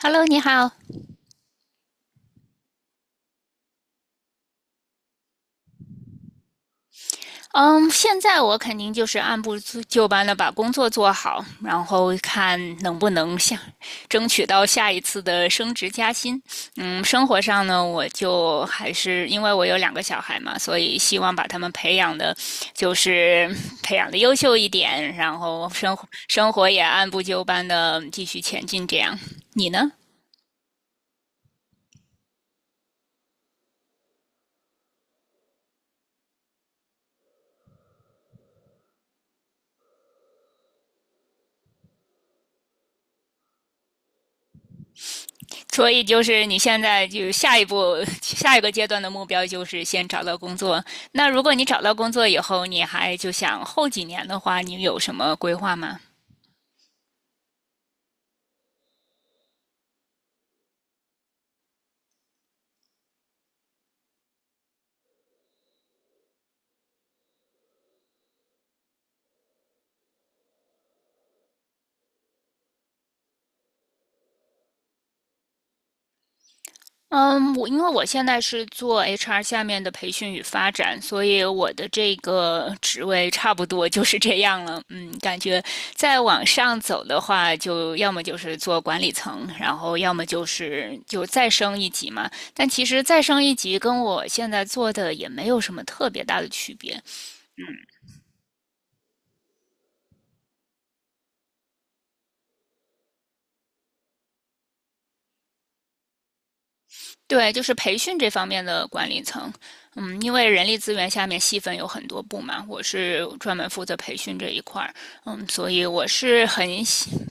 Hello，你好。嗯，现在我肯定就是按部就班的把工作做好，然后看能不能争取到下一次的升职加薪。生活上呢，我就还是因为我有两个小孩嘛，所以希望把他们培养的，就是培养的优秀一点，然后生活也按部就班的继续前进。这样，你呢？所以就是你现在就下一个阶段的目标就是先找到工作。那如果你找到工作以后，你还就想后几年的话，你有什么规划吗？嗯，因为我现在是做 HR 下面的培训与发展，所以我的这个职位差不多就是这样了。嗯，感觉再往上走的话，就要么就是做管理层，然后要么就是就再升一级嘛。但其实再升一级跟我现在做的也没有什么特别大的区别，对，就是培训这方面的管理层，因为人力资源下面细分有很多部嘛，我是专门负责培训这一块儿，所以我是很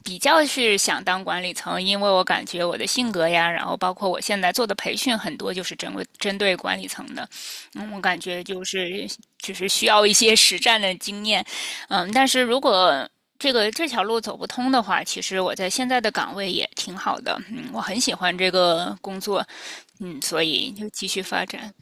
比较是想当管理层，因为我感觉我的性格呀，然后包括我现在做的培训很多就是针对管理层的，我感觉就是需要一些实战的经验，但是如果这条路走不通的话，其实我在现在的岗位也挺好的，我很喜欢这个工作，所以就继续发展。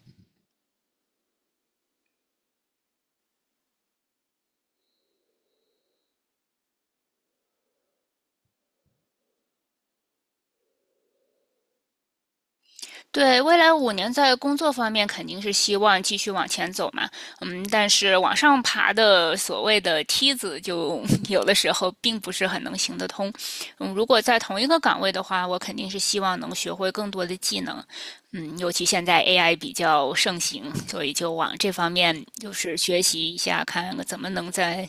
对，未来5年在工作方面肯定是希望继续往前走嘛。但是往上爬的所谓的梯子就 有的时候并不是很能行得通。如果在同一个岗位的话，我肯定是希望能学会更多的技能。尤其现在 AI 比较盛行，所以就往这方面就是学习一下，看怎么能在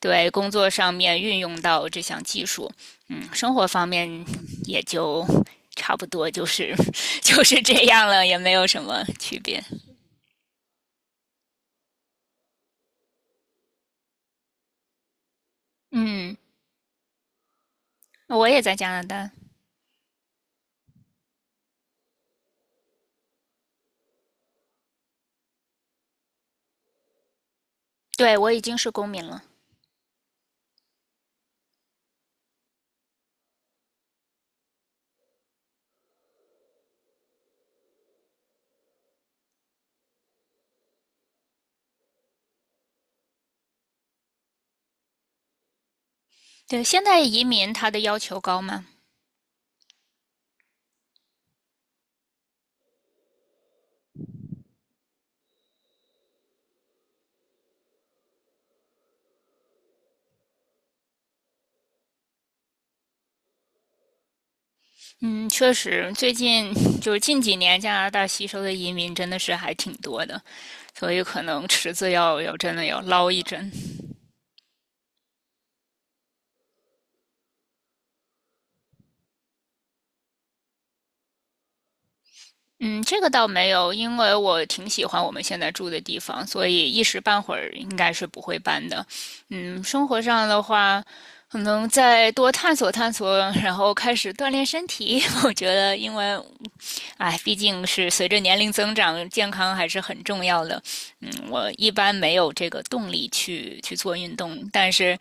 对工作上面运用到这项技术，生活方面也就差不多就是 就是这样了，也没有什么区别。嗯，我也在加拿大，对我已经是公民了。对，现在移民它的要求高吗？嗯，确实，最近就是近几年加拿大吸收的移民真的是还挺多的，所以可能池子要真的要捞一针。嗯，这个倒没有，因为我挺喜欢我们现在住的地方，所以一时半会儿应该是不会搬的。生活上的话，可能再多探索探索，然后开始锻炼身体。我觉得，因为，哎，毕竟是随着年龄增长，健康还是很重要的。我一般没有这个动力去做运动，但是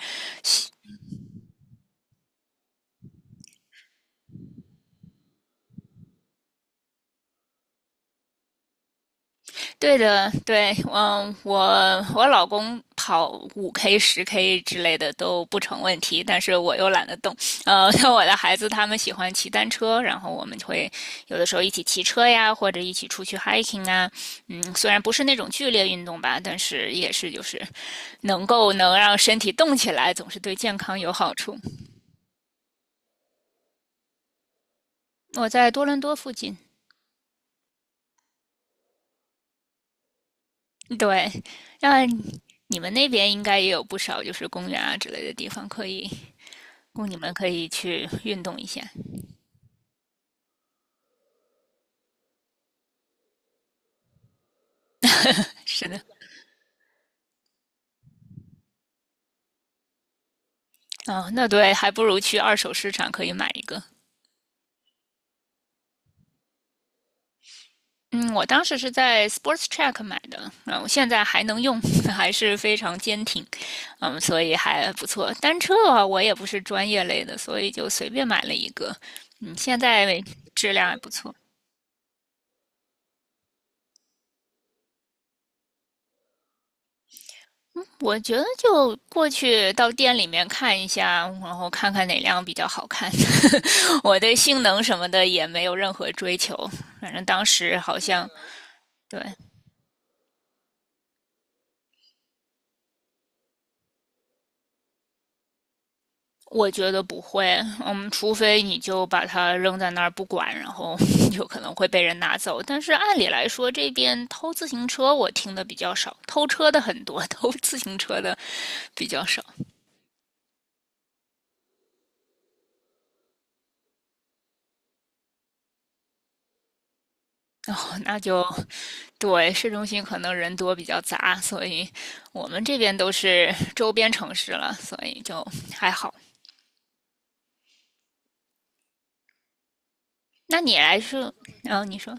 对的，对，我老公跑5K、10K 之类的都不成问题，但是我又懒得动。像我的孩子他们喜欢骑单车，然后我们就会有的时候一起骑车呀，或者一起出去 hiking 啊。虽然不是那种剧烈运动吧，但是也是就是能够能让身体动起来，总是对健康有好处。我在多伦多附近，对，那你们那边应该也有不少就是公园啊之类的地方可以供你们可以去运动一下。是的，哦，那对，还不如去二手市场可以买一个。嗯，我当时是在 Sports Track 买的，我现在还能用，还是非常坚挺，所以还不错。单车啊，我也不是专业类的，所以就随便买了一个，现在质量也不错。我觉得就过去到店里面看一下，然后看看哪辆比较好看。我对性能什么的也没有任何追求，反正当时好像对，我觉得不会，除非你就把它扔在那儿不管，然后 有可能会被人拿走。但是按理来说，这边偷自行车我听的比较少，偷车的很多，偷自行车的比较少。哦，那就对，市中心可能人多比较杂，所以我们这边都是周边城市了，所以就还好。那你来说，然后你说。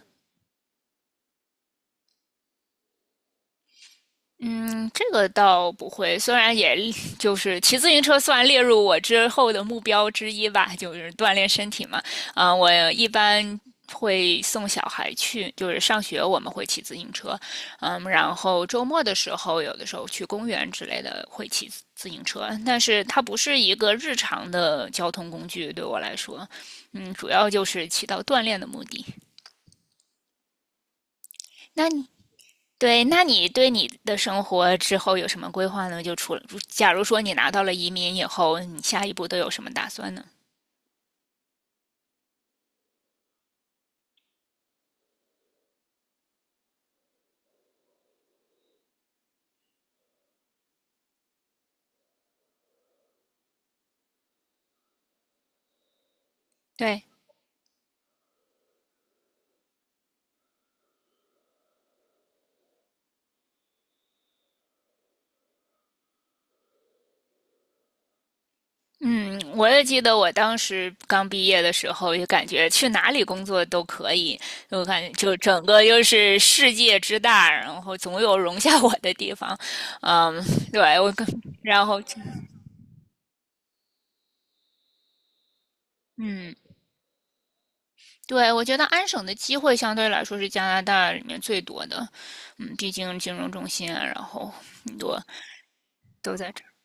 嗯，这个倒不会，虽然也就是骑自行车算列入我之后的目标之一吧，就是锻炼身体嘛。啊、我一般会送小孩去，就是上学我们会骑自行车，然后周末的时候，有的时候去公园之类的会骑自行车，但是它不是一个日常的交通工具，对我来说，主要就是起到锻炼的目的。那你对，那你对你的生活之后有什么规划呢？就除了，假如说你拿到了移民以后，你下一步都有什么打算呢？对，嗯，我也记得我当时刚毕业的时候，就感觉去哪里工作都可以，我感觉就整个就是世界之大，然后总有容下我的地方。嗯，对，我跟，然后，嗯，对，我觉得安省的机会相对来说是加拿大里面最多的，毕竟金融中心啊，然后很多都在这儿。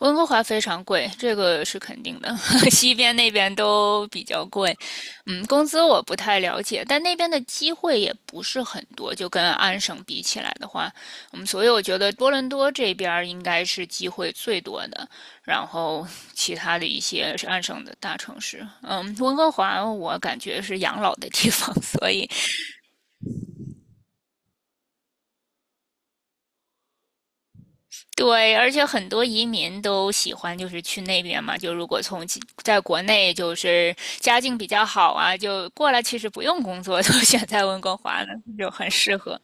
温哥华非常贵，这个是肯定的。西边那边都比较贵，工资我不太了解，但那边的机会也不是很多，就跟安省比起来的话，所以我觉得多伦多这边应该是机会最多的，然后其他的一些是安省的大城市，温哥华我感觉是养老的地方，所以对，而且很多移民都喜欢就是去那边嘛，就如果从其在国内就是家境比较好啊，就过来其实不用工作，就选在温哥华呢，就很适合。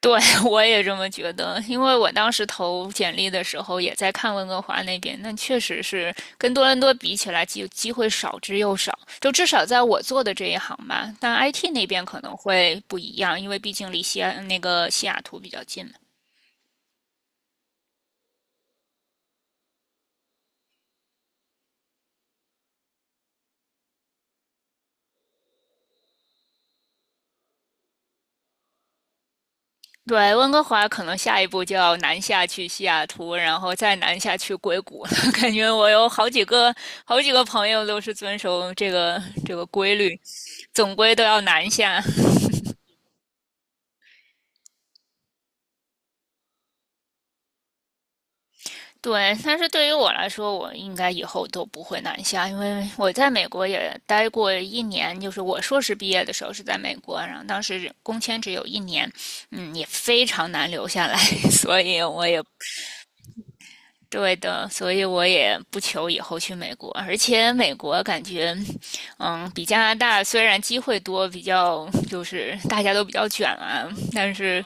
对，我也这么觉得，因为我当时投简历的时候也在看温哥华那边，那确实是跟多伦多比起来机会少之又少，就至少在我做的这一行吧。但 IT 那边可能会不一样，因为毕竟离西安那个西雅图比较近嘛。对，温哥华可能下一步就要南下去西雅图，然后再南下去硅谷了。感觉我有好几个朋友都是遵守这个规律，总归都要南下。对，但是对于我来说，我应该以后都不会南下，因为我在美国也待过一年，就是我硕士毕业的时候是在美国，然后当时工签只有一年，也非常难留下来，所以我也对的，所以我也不求以后去美国，而且美国感觉，比加拿大虽然机会多，比较就是大家都比较卷啊，但是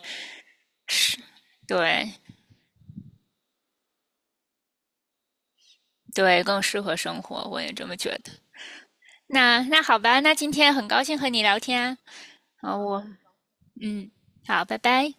对对更适合生活，我也这么觉得。那那好吧，那今天很高兴和你聊天啊，好我嗯，好，拜拜。